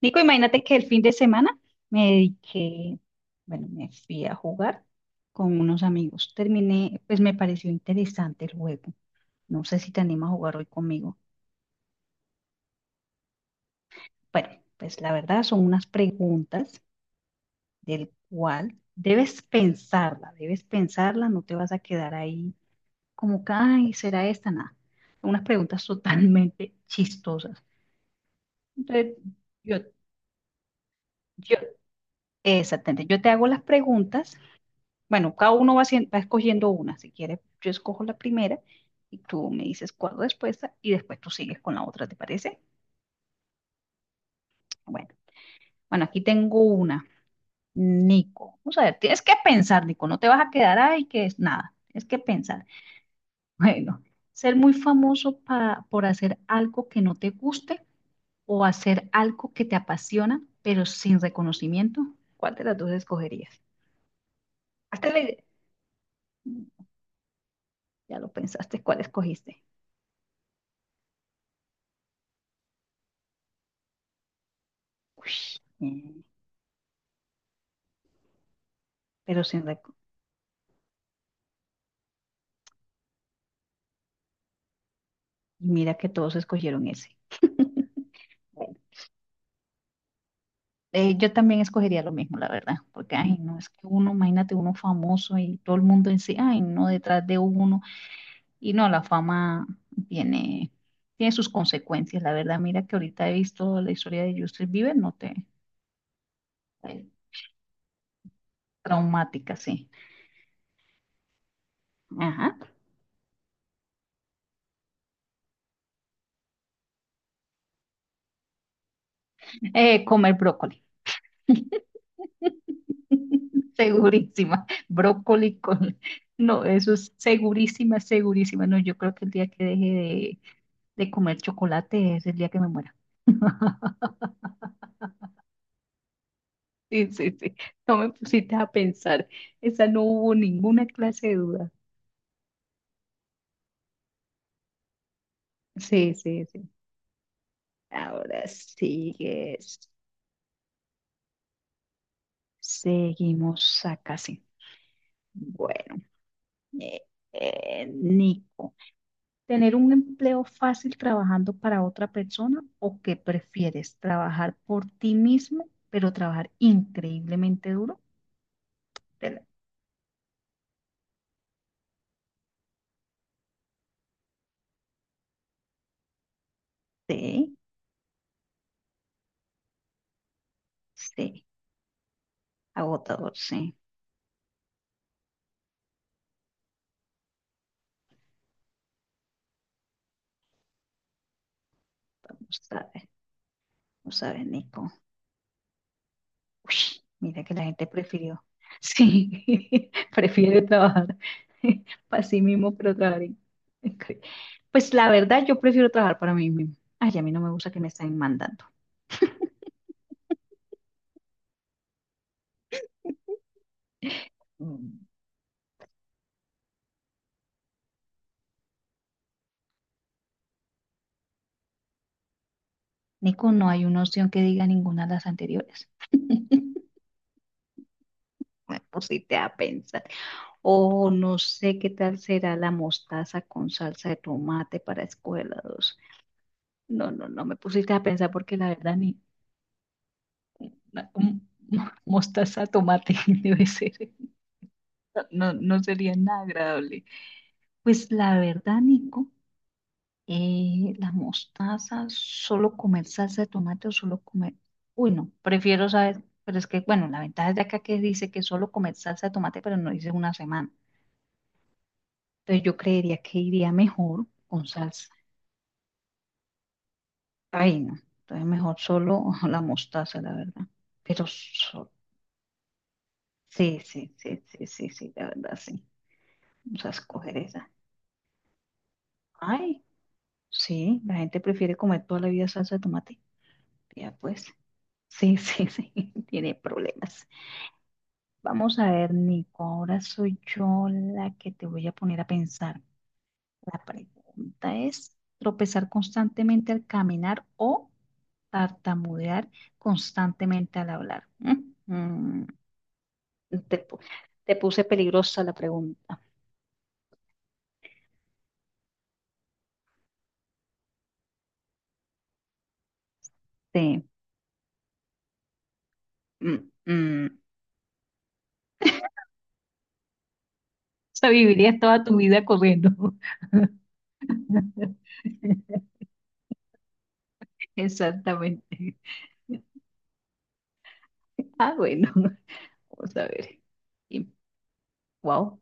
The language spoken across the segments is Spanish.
Nico, imagínate que el fin de semana me dediqué, bueno, me fui a jugar con unos amigos. Terminé, pues me pareció interesante el juego. No sé si te animas a jugar hoy conmigo. Bueno, pues la verdad son unas preguntas del cual debes pensarla, no te vas a quedar ahí como que, ay, será esta, nada. Unas preguntas totalmente chistosas. Entonces, yo, yo, exactamente, yo te hago las preguntas. Bueno, cada uno va, haciendo, va escogiendo una. Si quieres, yo escojo la primera y tú me dices cuál respuesta y después tú sigues con la otra, ¿te parece? Bueno, bueno, aquí tengo una. Nico, o sea, tienes que pensar, Nico, no te vas a quedar ahí que es nada, tienes que pensar. Bueno, ser muy famoso por hacer algo que no te guste o hacer algo que te apasiona, pero sin reconocimiento, ¿cuál de las dos escogerías? Hazte la idea. Ya lo pensaste, ¿cuál escogiste? Uy, pero sin rec- mira que todos escogieron ese. Bueno, yo también escogería lo mismo, la verdad, porque, ay, no, es que uno, imagínate uno famoso y todo el mundo en sí, ay, no, detrás de uno, y no, la fama tiene, tiene sus consecuencias, la verdad, mira que ahorita he visto la historia de Justin Bieber, no te, eh, traumática, sí. Ajá. Comer brócoli, segurísima, brócoli con, no, eso es segurísima, segurísima, no, yo creo que el día que deje de comer chocolate, es el día que me muera. Sí, sí, sí. No me pusiste a pensar. Esa no hubo ninguna clase de duda. Sí, sí, sí. Ahora sigues. Seguimos acá, sí. Bueno, eh, Nico, ¿tener un empleo fácil trabajando para otra persona o qué prefieres? ¿Trabajar por ti mismo, pero trabajar increíblemente duro? Pero- Sí, sí, agotador, sí. Vamos a ver, vamos a ver, Nico. Uy, mira que la gente prefirió. Sí, prefiere trabajar para sí mismo, pero trabajar. En cre- Pues la verdad, yo prefiero trabajar para mí mismo. Ay, a mí no me gusta que me estén mandando. Mm. Nico, no hay una opción que diga ninguna de las anteriores. Me pusiste a pensar. O no sé qué tal será la mostaza con salsa de tomate para escuela 2. No, no, no me pusiste a pensar porque la verdad ni la- mm, mostaza tomate debe ser. No, no sería nada agradable. Pues la verdad, Nico, la mostaza, solo comer salsa de tomate o solo comer. Uy, no, prefiero saber, pero es que, bueno, la ventaja de acá que dice que solo comer salsa de tomate, pero no dice una semana. Entonces yo creería que iría mejor con salsa. Ay, no. Entonces mejor solo la mostaza, la verdad. Pero so- sí, sí, sí, sí, sí, sí, la verdad, sí. Vamos a escoger esa. Ay, sí, la gente prefiere comer toda la vida salsa de tomate. Ya pues, sí, sí, sí, tiene problemas. Vamos a ver, Nico, ahora soy yo la que te voy a poner a pensar. La pregunta es, ¿tropezar constantemente al caminar o tartamudear constantemente al hablar? Mm, te, pu- te puse peligrosa la pregunta. Sí. mm, mm. O sea, vivirías toda tu vida corriendo. Exactamente. Ah, bueno, vamos a ver. Wow.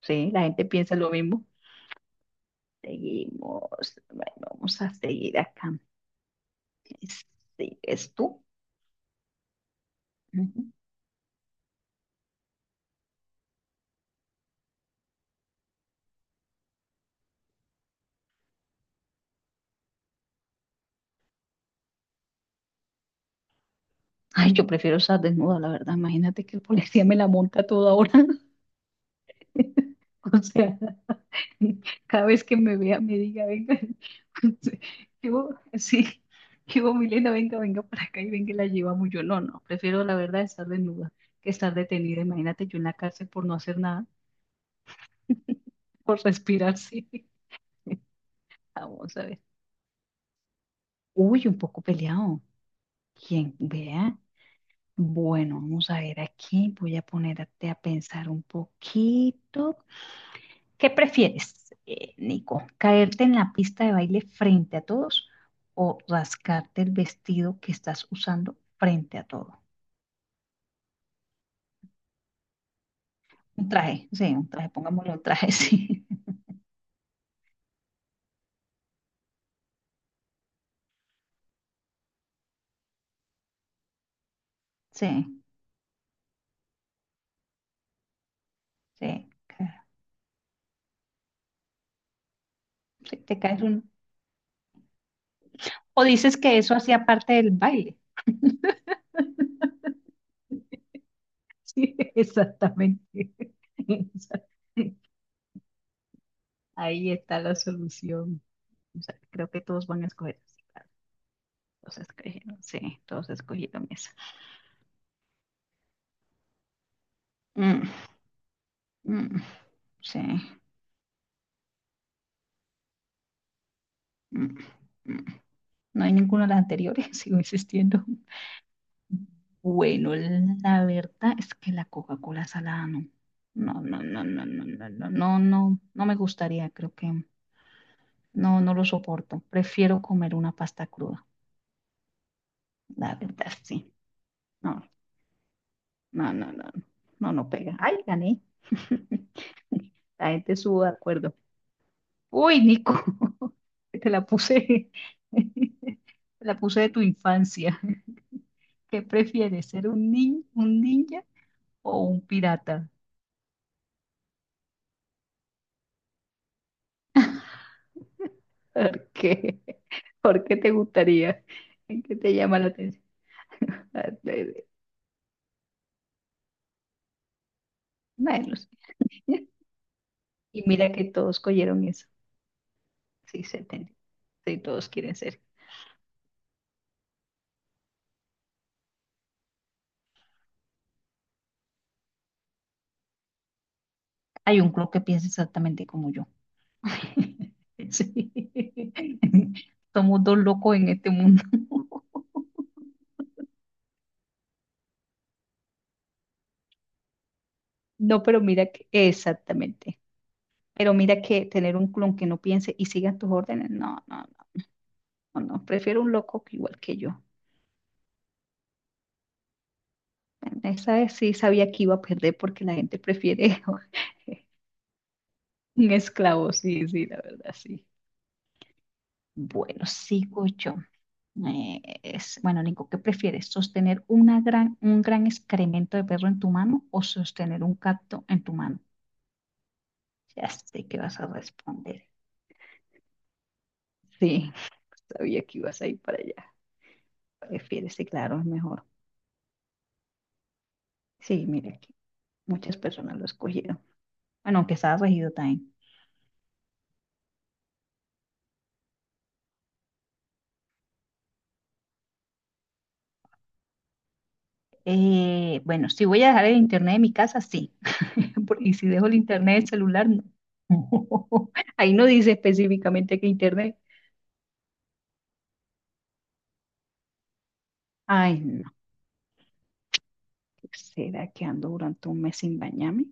Sí, la gente piensa lo mismo. Seguimos. Bueno, vamos a seguir acá. ¿Es tú? Ujú. Ay, yo prefiero estar desnuda, la verdad. Imagínate que el policía me la monta a toda hora. O sea, cada vez que me vea, me diga, venga, yo, sí, yo, Milena, venga, venga para acá y venga, y la llevamos. Yo no, no, prefiero la verdad estar desnuda que estar detenida. Imagínate yo en la cárcel por no hacer nada, por respirar, sí. Vamos a ver. Uy, un poco peleado. Quien vea. Bueno, vamos a ver aquí. Voy a ponerte a pensar un poquito. ¿Qué prefieres, Nico? ¿Caerte en la pista de baile frente a todos o rascarte el vestido que estás usando frente a todo? Un traje, sí, un traje, pongámosle un traje, sí. Sí, sí, claro. Sí, te caes un... O dices que eso hacía parte del baile. Sí, exactamente. Ahí está la solución. O sea, creo que todos van a escoger, sí, claro. Todos escogieron, sí, todos escogieron esa. Mm, mm, sí. Mm, mm. No hay ninguna de las anteriores, sigo insistiendo. Bueno, la verdad es que la Coca-Cola salada no. No, no, no, no, no, no, no, no, no, no me gustaría, creo que no, no lo soporto. Prefiero comer una pasta cruda, la verdad, sí. No, no, no, no, no, no, no pega. Ay, gané. La gente estuvo de acuerdo. Uy, Nico, te la puse, te la puse de tu infancia. ¿Qué prefieres, ser un ninja o un pirata? ¿Por qué? ¿Por qué te gustaría? ¿Qué te llama la atención? Bueno, sí. Y mira que todos cogieron eso. Sí, se entendió. Sí, todos quieren ser. Hay un club que piensa exactamente como yo. Sí. Somos dos locos en este mundo. No, pero mira que, exactamente. Pero mira que tener un clon que no piense y siga tus órdenes, no, no, no, no. Prefiero un loco que igual que yo. Esa vez sí sabía que iba a perder porque la gente prefiere un esclavo, sí, sí, la verdad, sí. Bueno, sigo yo. Bueno, Nico, ¿qué prefieres? ¿Sostener una gran, un gran excremento de perro en tu mano o sostener un gato en tu mano? Ya sé que vas a responder. Sí, sabía que ibas a ir para allá. Prefieres, sí, claro, es mejor. Sí, mira que muchas personas lo escogieron. Bueno, aunque estaba regido también. Bueno, si voy a dejar el internet de mi casa, sí. Y si dejo el internet del celular, no. Ahí no dice específicamente que internet. Ay, no. ¿Será que ando durante un mes sin bañarme?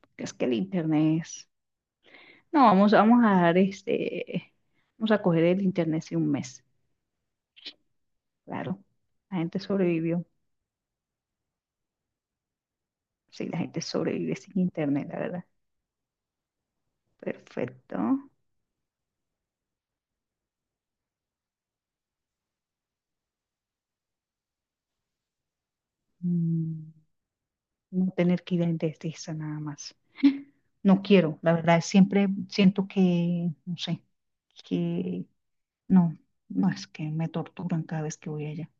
Porque es que el internet es... No, vamos, vamos a dar este... Vamos a coger el internet sí un mes. Claro, la gente sobrevivió. Sí, la gente sobrevive sin internet, la verdad. Perfecto. Mm, No tener que ir a un dentista nada más. No quiero, la verdad, siempre siento que, no sé, que no, no es que me torturan cada vez que voy allá.